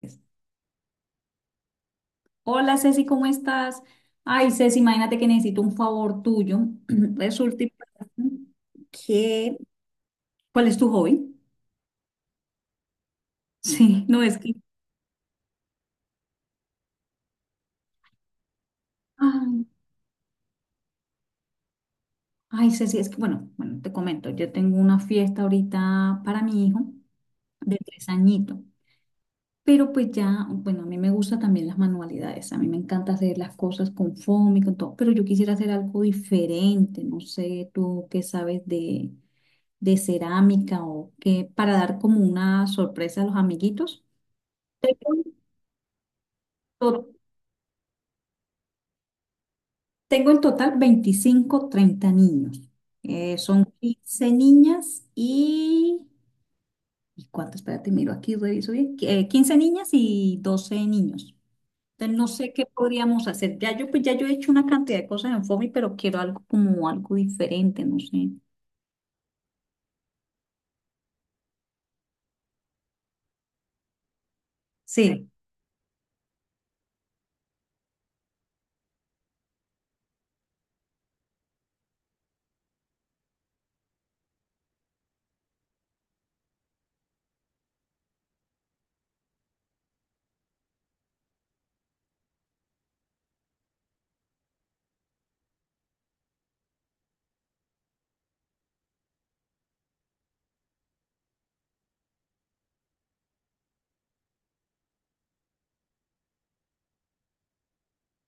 Pues, hola Ceci, ¿cómo estás? Ay, Ceci, imagínate que necesito un favor tuyo. Resulta y pasa que. ¿Cuál es tu hobby? Sí, no es que. Ay, ay, Ceci, es que bueno, bueno, te comento, yo tengo una fiesta ahorita para mi hijo de tres añitos, pero pues ya, bueno, a mí me gustan también las manualidades, a mí me encanta hacer las cosas con foamy, con todo, pero yo quisiera hacer algo diferente, no sé, tú qué sabes de cerámica o qué, para dar como una sorpresa a los amiguitos. Tengo en to- tengo en total 25 30 niños. Son 15 niñas y. ¿Y cuánto? Espérate, miro aquí, reviso bien. 15 niñas y 12 niños. Entonces, no sé qué podríamos hacer. Pues ya yo he hecho una cantidad de cosas en FOMI, pero quiero algo como algo diferente, no sé. Sí.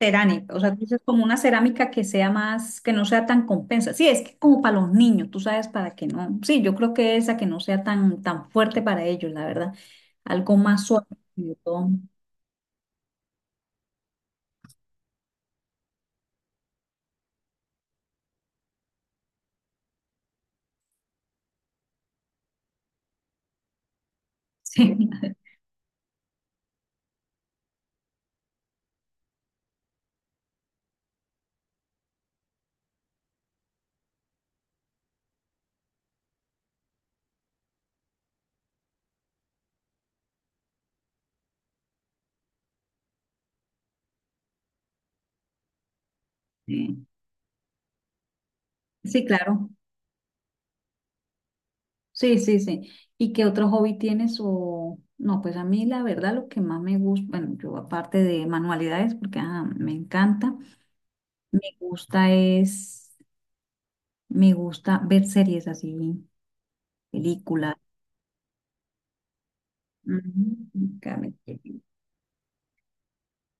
Cerámica, o sea, tú dices como una cerámica que sea más, que no sea tan compensa. Sí, es que como para los niños, tú sabes, para que no. Sí, yo creo que esa que no sea tan, tan fuerte para ellos, la verdad. Algo más suave. Sobre todo. Sí, sí, sí, claro. Sí, sí, sí. ¿Y qué otro hobby tienes? O no, pues a mí la verdad lo que más me gusta, bueno, yo aparte de manualidades, porque ah, me encanta, me gusta es, me gusta ver series así, películas. Ujú, Ca- me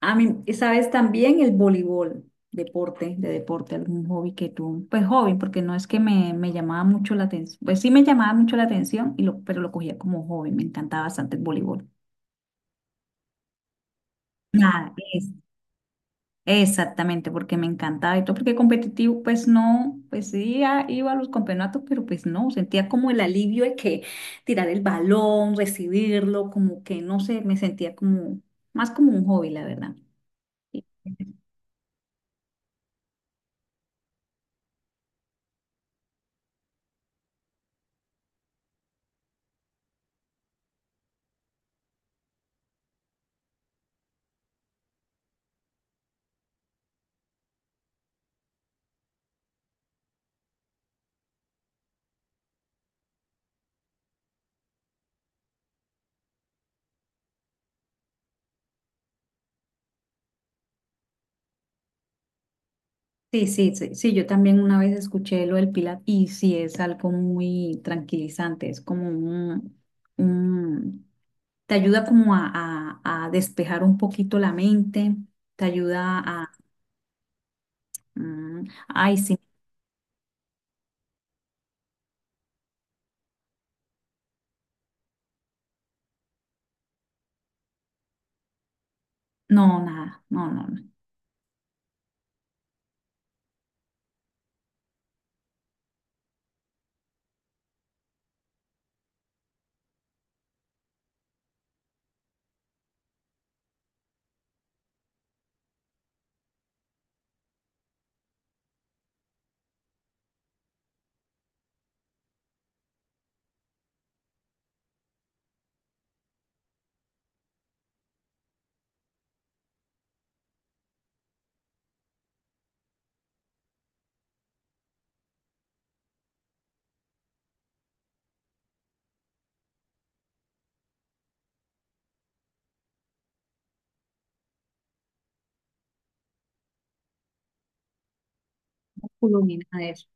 a mí, y sabes también el voleibol, deporte, de deporte, algún hobby que tú, pues hobby, porque no es que me llamaba mucho la atención, pues sí me llamaba mucho la atención, y lo, pero lo cogía como hobby, me encantaba bastante el voleibol. Nada, es, exactamente, porque me encantaba y todo, porque competitivo, pues no, pues sí iba a los campeonatos, pero pues no, sentía como el alivio de que tirar el balón, recibirlo, como que no sé, me sentía como, más como un hobby, la verdad. Sí, sí, sí, sí, yo también una vez escuché lo del Pilates y sí es algo muy tranquilizante, es como un- te ayuda como a despejar un poquito la mente, te ayuda a, mm, ay, sí, no, nada, no, no, no, músculo ni nada de eso.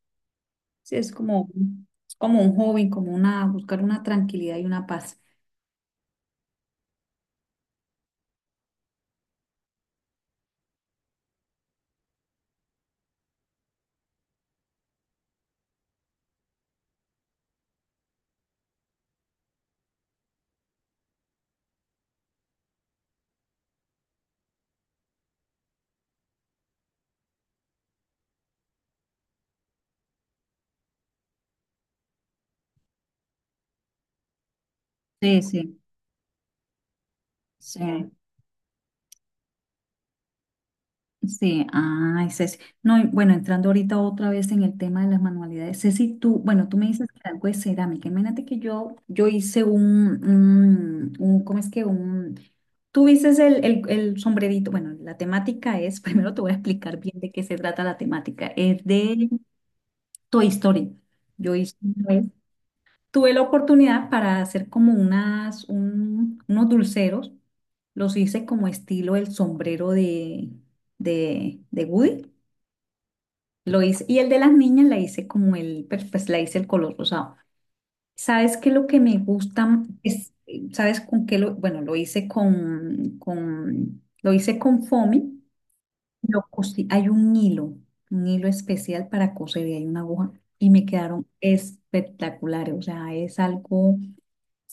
Sí, es como un hobby, como una, buscar una tranquilidad y una paz. Sí, sí, sí. Sí, ay, Ceci. No, y bueno, entrando ahorita otra vez en el tema de las manualidades. Ceci, tú, bueno, tú me dices que algo de cerámica. Imagínate que yo hice ¿cómo es que? Tú dices el sombrerito. Bueno, la temática es, primero te voy a explicar bien de qué se trata la temática. Es de Toy Story. Yo hice una vez- Tuve la oportunidad para hacer como unos dulceros. Los hice como estilo el sombrero de Woody. Lo hice, y el de las niñas la hice como el, pues pues, la hice el color rosado. ¿Sabes qué? Lo que me gusta es, ¿sabes con qué lo, bueno, lo hice con foamy, lo cosí, hay un hilo especial para coser y hay una aguja y me quedaron espectaculares, o sea, es algo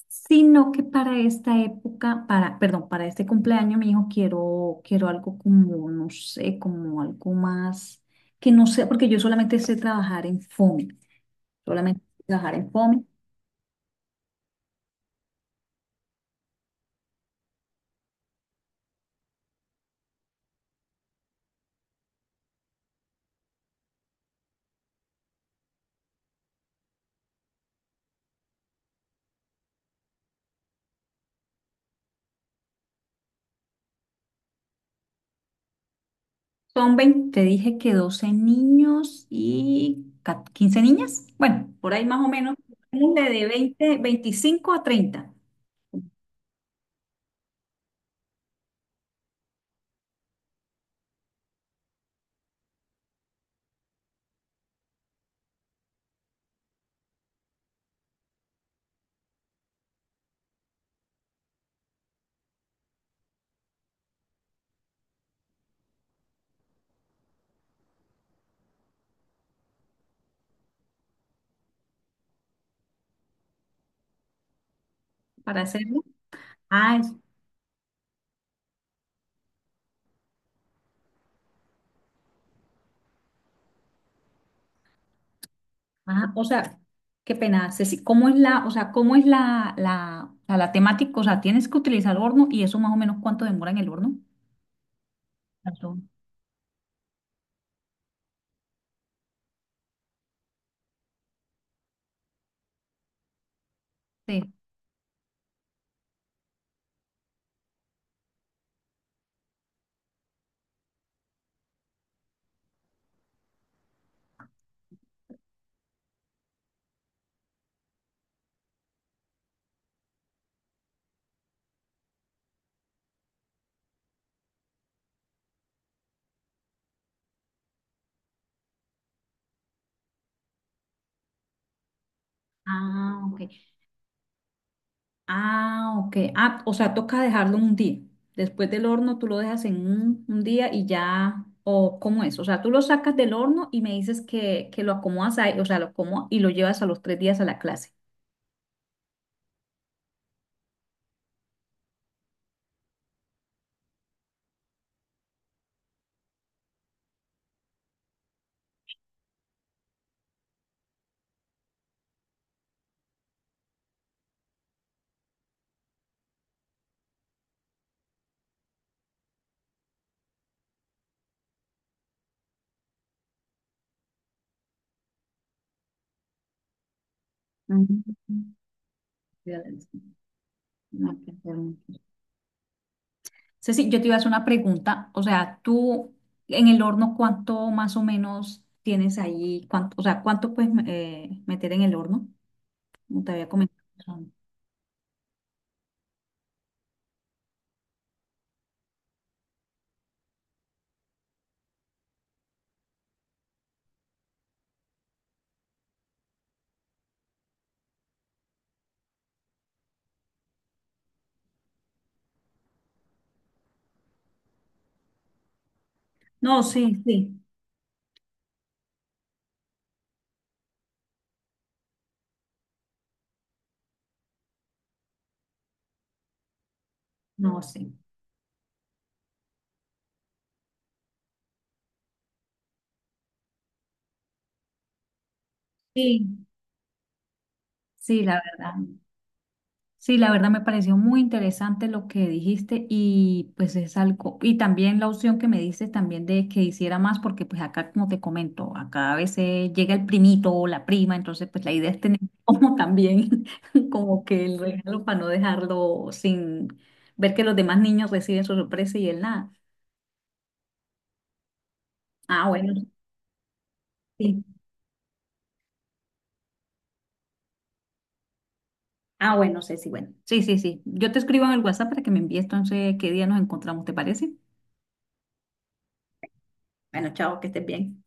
sino que para esta época, para, perdón, para este cumpleaños, mi hijo, quiero, quiero algo como, no sé, como algo más, que no sé, porque yo solamente sé trabajar en FOMI, solamente sé trabajar en FOMI. Son 20 te dije que 12 niños y 15 niñas, bueno, por ahí más o menos, ponle de 20 25 a 30 para hacerlo. Ah, ah, o sea, qué pena, Ceci, ¿cómo es la, o sea, cómo es la temática? O sea, tienes que utilizar el horno y eso más o menos cuánto demora en el horno. Eso. Sí. Ah, ok. Ah, ok. Ah, o sea, toca dejarlo un día. Después del horno tú lo dejas en un día y ya, o ¿cómo es? O sea, tú lo sacas del horno y me dices que lo acomodas ahí, o sea, lo acomodas y lo llevas a los 3 días a la clase. Ujú. Ya la- Ok, perdón. Ceci, yo te iba a hacer una pregunta, o sea, tú en el horno, ¿cuánto más o menos tienes ahí? ¿Cuánto, o sea, cuánto puedes meter en el horno? Como te había comentado. No, sí, sí, no, sí. Sí, sí, la verdad. Sí, la verdad me pareció muy interesante lo que dijiste y pues es algo, y también la opción que me dices también de que hiciera más, porque pues acá como te comento, acá a veces llega el primito o la prima, entonces pues la idea es tener como también como que el regalo para no dejarlo sin ver que los demás niños reciben su sorpresa y él nada. Ah, bueno, sí. Ah, bueno, sí, sí, bueno. Sí, sí, sí. Yo te escribo en el WhatsApp para que me envíes entonces qué día nos encontramos, ¿te parece? Bueno, chao, que estés bien.